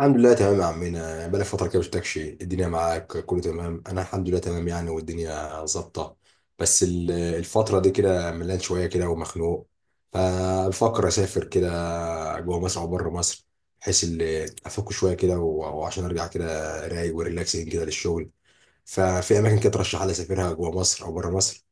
الحمد لله تمام يا عمنا، يعني بقالي فترة كده مشفتكش. الدنيا معاك كله تمام؟ أنا الحمد لله تمام يعني، والدنيا ظابطة. بس الفترة دي كده ملان شوية كده ومخنوق. فبفكر أسافر كده، جوه مصر أو بره مصر، بحيث أفك شوية كده و- وعشان أرجع كده رايق وريلاكسنج كده للشغل. ففي أماكن كده ترشح لي أسافرها جوه مصر أو بره مصر؟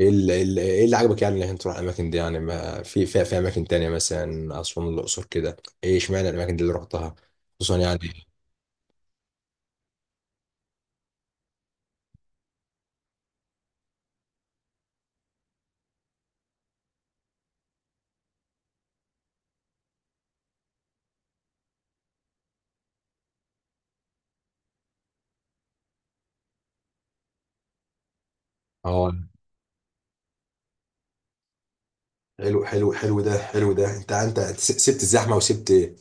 إيه اللي, إيه اللي عجبك يعني إنك أنت تروح الأماكن دي؟ يعني ما في في في أماكن تانية مثلا أسوان الأقصر كده، إيه إشمعنى الأماكن دي اللي رحتها؟ خصوصا يعني. اه، حلو حلو حلو، ده حلو. ده انت سبت الزحمه وسبت،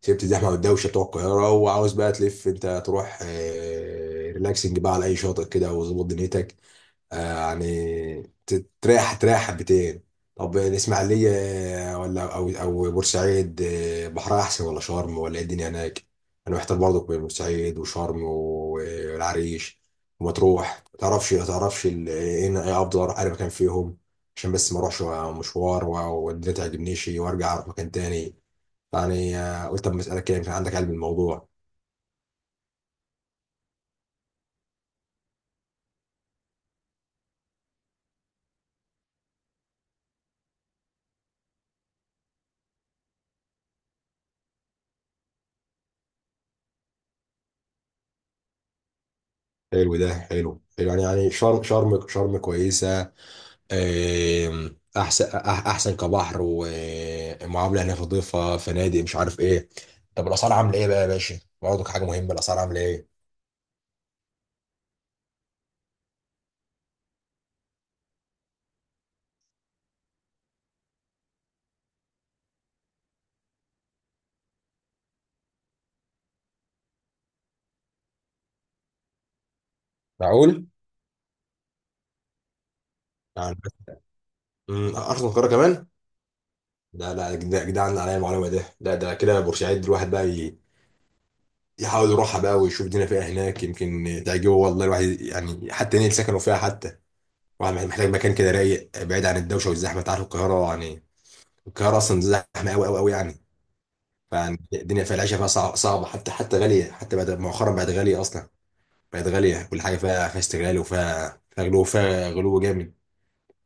سبت الزحمه والدوشه بتوع القاهره، وعاوز بقى تلف انت تروح، ريلاكسنج بقى على اي شاطئ كده وظبط دنيتك. آه، يعني تريح، تريح حبتين. طب الإسماعيلية، ولا أو بورسعيد، بحرها أحسن ولا شرم، ولا إيه الدنيا هناك؟ أنا محتار برضه بين بورسعيد وشرم والعريش ومطروح، متعرفش، متعرفش إيه، أفضل أروح أي مكان فيهم؟ عشان بس ما أروحش مشوار و- والدنيا تعجبنيش وأرجع أروح مكان تاني. يعني قلت أما أسألك كده، يمكن عندك علم الموضوع. حلو ده، حلو حلو. يعني يعني شرم، شرم كويسة. احسن، احسن كبحر، ومعامله هناك نظيفه، فنادق، مش عارف ايه. طب الاسعار عامله ايه بقى يا باشا؟ برضك حاجه مهمه، الاسعار عامله ايه؟ معقول؟ يعني، ارخص من القاهره كمان؟ لا لا يا يا جدعان، عليا المعلومه ده. لا، ده كده بورسعيد الواحد بقى يحاول يروحها بقى ويشوف الدنيا فيها هناك، يمكن تعجبه والله الواحد، يعني حتى ينقل سكنه فيها حتى. واحد محتاج مكان كده رايق بعيد عن الدوشه والزحمه. انت عارف القاهره يعني، القاهره اصلا زحمه قوي قوي قوي يعني. فالدنيا فيها، العيشه فيها صعبه حتى، حتى غاليه، حتى بعد مؤخرا بقت غاليه اصلا. بقت غاليه كل حاجه فيها، فيها استغلال، وفيها غلو، فيها غلو جامد.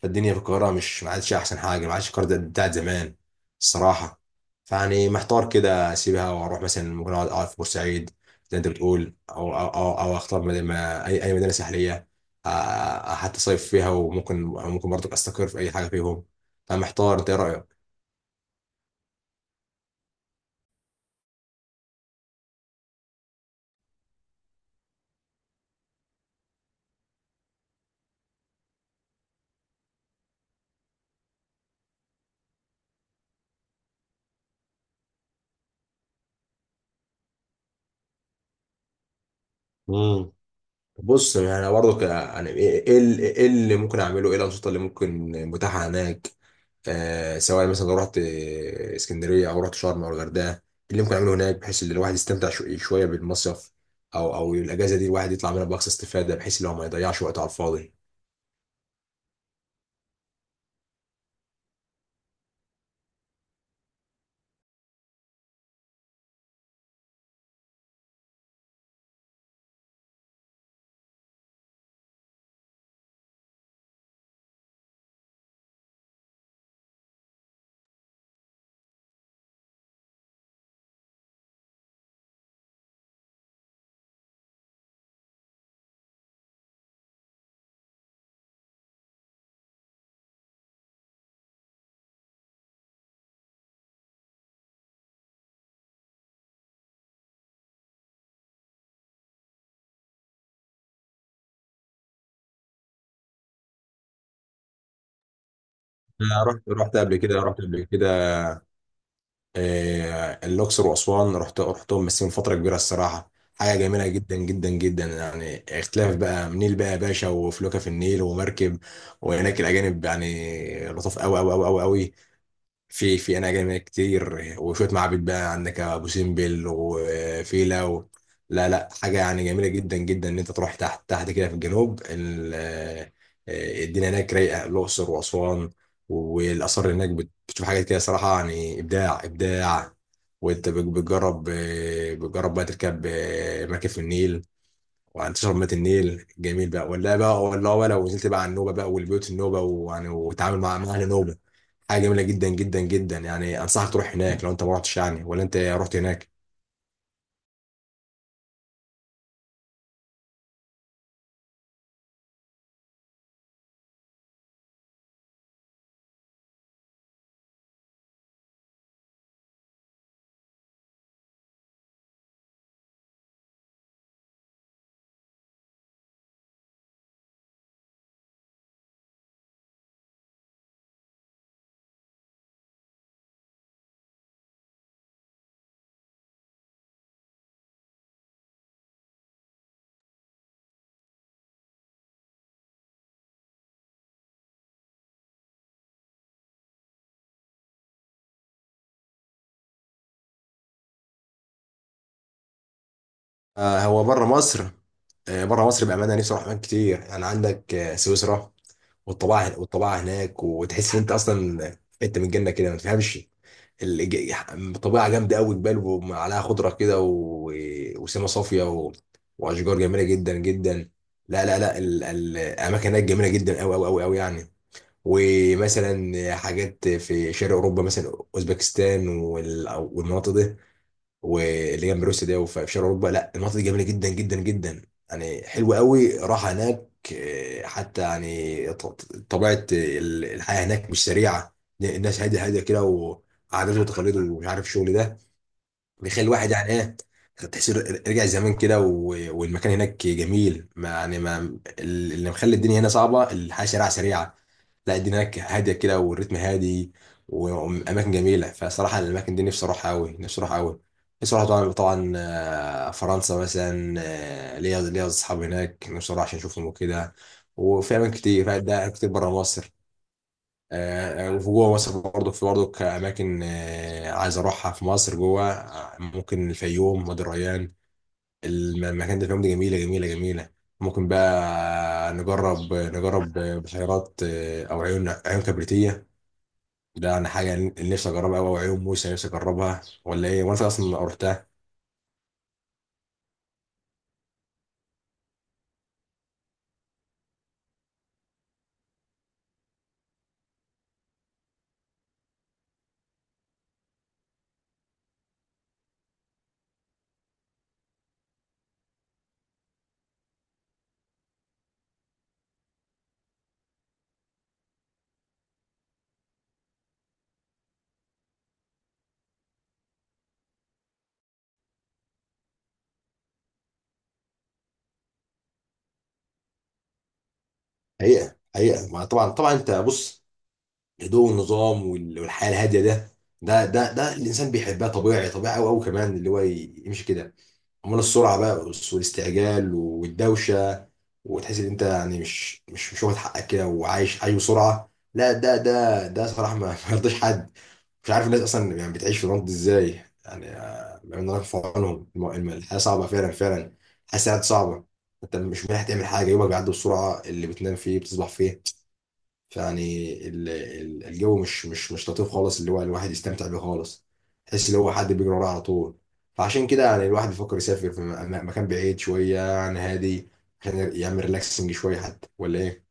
فالدنيا في القاهره مش، ما عادش احسن حاجه، ما عادش القاهره بتاعت زمان الصراحه. فيعني محتار كده اسيبها واروح مثلا، ممكن أقعد في بورسعيد زي انت بتقول، أو اختار مدينة اي مدينه ساحليه، آه، آه، حتى صيف فيها. وممكن، ممكن برضك استقر في اي حاجه فيهم. فمحتار، انت ايه رايك؟ مم. بص، يعني انا برضه يعني ايه، إيه إيه اللي ممكن اعمله، ايه الانشطه اللي ممكن متاحه هناك؟ آه، سواء مثلا لو رحت، اسكندريه او رحت شرم او الغردقه، إيه اللي ممكن اعمله هناك بحيث ان الواحد يستمتع شويه بالمصيف؟ او او الاجازه دي الواحد يطلع منها باقصى استفاده، بحيث ان هو ما يضيعش وقته على الفاضي. انا رحت، رحت قبل كده آه، الاقصر واسوان، رحتهم بس من فتره كبيره الصراحه. حاجه جميله جدا جدا جدا يعني، اختلاف بقى، نيل بقى يا باشا وفلوكه في النيل ومركب، وهناك الاجانب يعني لطاف قوي قوي قوي قوي قوي، في في انا جامعة كتير وشويه معابد بقى، عندك ابو سمبل وفيلا و... لا لا، حاجه يعني جميله جدا جدا ان انت تروح تحت، تحت كده في الجنوب آه، الدنيا هناك رايقه، الاقصر واسوان والاثار هناك. بتشوف حاجات كده صراحه يعني، ابداع ابداع. وانت بتجرب، بتجرب بقى تركب مركب في النيل وتشرب مية النيل. جميل بقى ولا بقى، ولا. ونزلت بقى على النوبه بقى والبيوت النوبه، ويعني وتعامل مع، مع اهل نوبه، حاجه جميله جدا جدا جدا يعني. انصحك تروح هناك لو انت ما رحتش يعني، ولا انت رحت هناك؟ آه، هو بره مصر، آه، بره مصر بامانه نفسي اروح اماكن كتير يعني. عندك آه سويسرا، والطبيعه، والطبيعه هناك وتحس ان انت اصلا انت من الجنه كده ما تفهمش الج- الطبيعه جامده قوي، جبال وعليها خضره كده و... وسما صافيه و... واشجار جميله جدا جدا. لا لا لا، الاماكن هناك جميله جدا قوي قوي قوي قوي يعني. ومثلا حاجات في شرق اوروبا، مثلا اوزبكستان والمناطق دي واللي جنب روسيا ده، وفي شرق اوروبا. لا المناطق دي جميله جدا جدا جدا يعني، حلوه قوي، راحه هناك. آه، حتى يعني طبيعه الحياه هناك مش سريعه، الناس هاديه، هاديه كده، وعادات وتقاليد ومش عارف الشغل ده بيخلي الواحد يعني ايه، تحس رجع زمان كده والمكان هناك جميل. ما يعني، ما اللي مخلي الدنيا هنا صعبه، الحياه شارع سريعه. لا الدنيا هناك هاديه كده، والريتم هادي، واماكن جميله. فصراحه الاماكن دي نفسي اروحها قوي، نفسي اروحها قوي. نفسي اروح طبعا طبعا آه، فرنسا مثلا، آه، ليا اصحاب هناك نفسي اروح عشان اشوفهم وكده. وفي اماكن كتير، ده كتير بره مصر، آه. وفي جوه مصر برضه، في برضه أماكن آه، عايز أروحها في مصر جوه، آه، ممكن الفيوم، وادي الريان. المكان ده، الفيوم دي، جميلة جميلة جميلة. ممكن بقى نجرب، بحيرات آه، أو عيون، عيون كبريتية. ده يعني حاجة اللي نفسي أجربها أوي، أو عيون موسى نفسي أجربها، ولا إيه؟ وأنا في أصلا رحتها. حقيقة حقيقة، ما طبعا طبعا. أنت بص، الهدوء والنظام والحياه الهاديه ده، ده ده ده الانسان بيحبها طبيعي طبيعي قوي قوي، كمان اللي هو يمشي كده. امال السرعه بقى والاستعجال والدوشه، وتحس ان انت يعني مش مش مش واخد حقك كده، وعايش، عايش بسرعه، لا ده ده ده صراحه ما ما يرضيش حد. مش عارف الناس اصلا يعني بتعيش في الوقت ده ازاي يعني. آه، ربنا يرفع في عنهم الحياه صعبه فعلا فعلا. الحياه ساعات صعبه. انت مش مريح تعمل حاجه، يومك بيعدي بسرعه، اللي بتنام فيه بتصبح فيه. فيعني الجو مش مش مش لطيف خالص، اللي هو الواحد يستمتع بيه خالص. تحس ان هو حد بيجري وراه على طول. فعشان كده يعني الواحد بيفكر يسافر في مكان بعيد شويه يعني، هادي، عشان يعمل ريلاكسنج شويه حتى، ولا ايه؟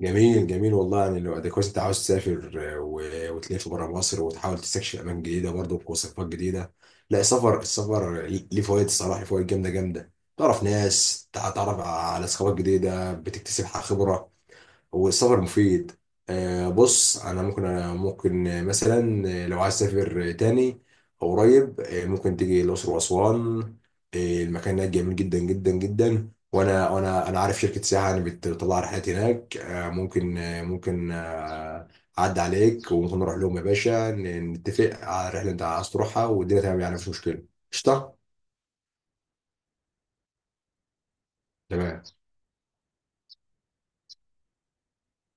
جميل جميل والله، يعني لو ده كويس انت عاوز تسافر، آه، وتلف بره مصر وتحاول تستكشف اماكن جديده برضه، بوصفات جديده. لا، السفر، السفر ليه فوائد الصراحه، ليه فوائد جامده جامده. تعرف ناس، تعرف على ثقافات جديده، بتكتسب خبره. والسفر مفيد. آه، بص انا ممكن، أنا ممكن آه، مثلا آه، لو عايز تسافر آه، تاني أو قريب آه، ممكن تيجي الاقصر واسوان. آه، المكان هناك جميل جدا جدا جدا. وانا انا عارف شركه سياحه يعني بتطلع رحلات هناك، آه، ممكن آه، ممكن آه، اعدي عليك وممكن نروح لهم يا باشا، نتفق على الرحله اللي انت عايز تروحها والدنيا تمام، يعني مفيش مشكله. قشطه. تمام.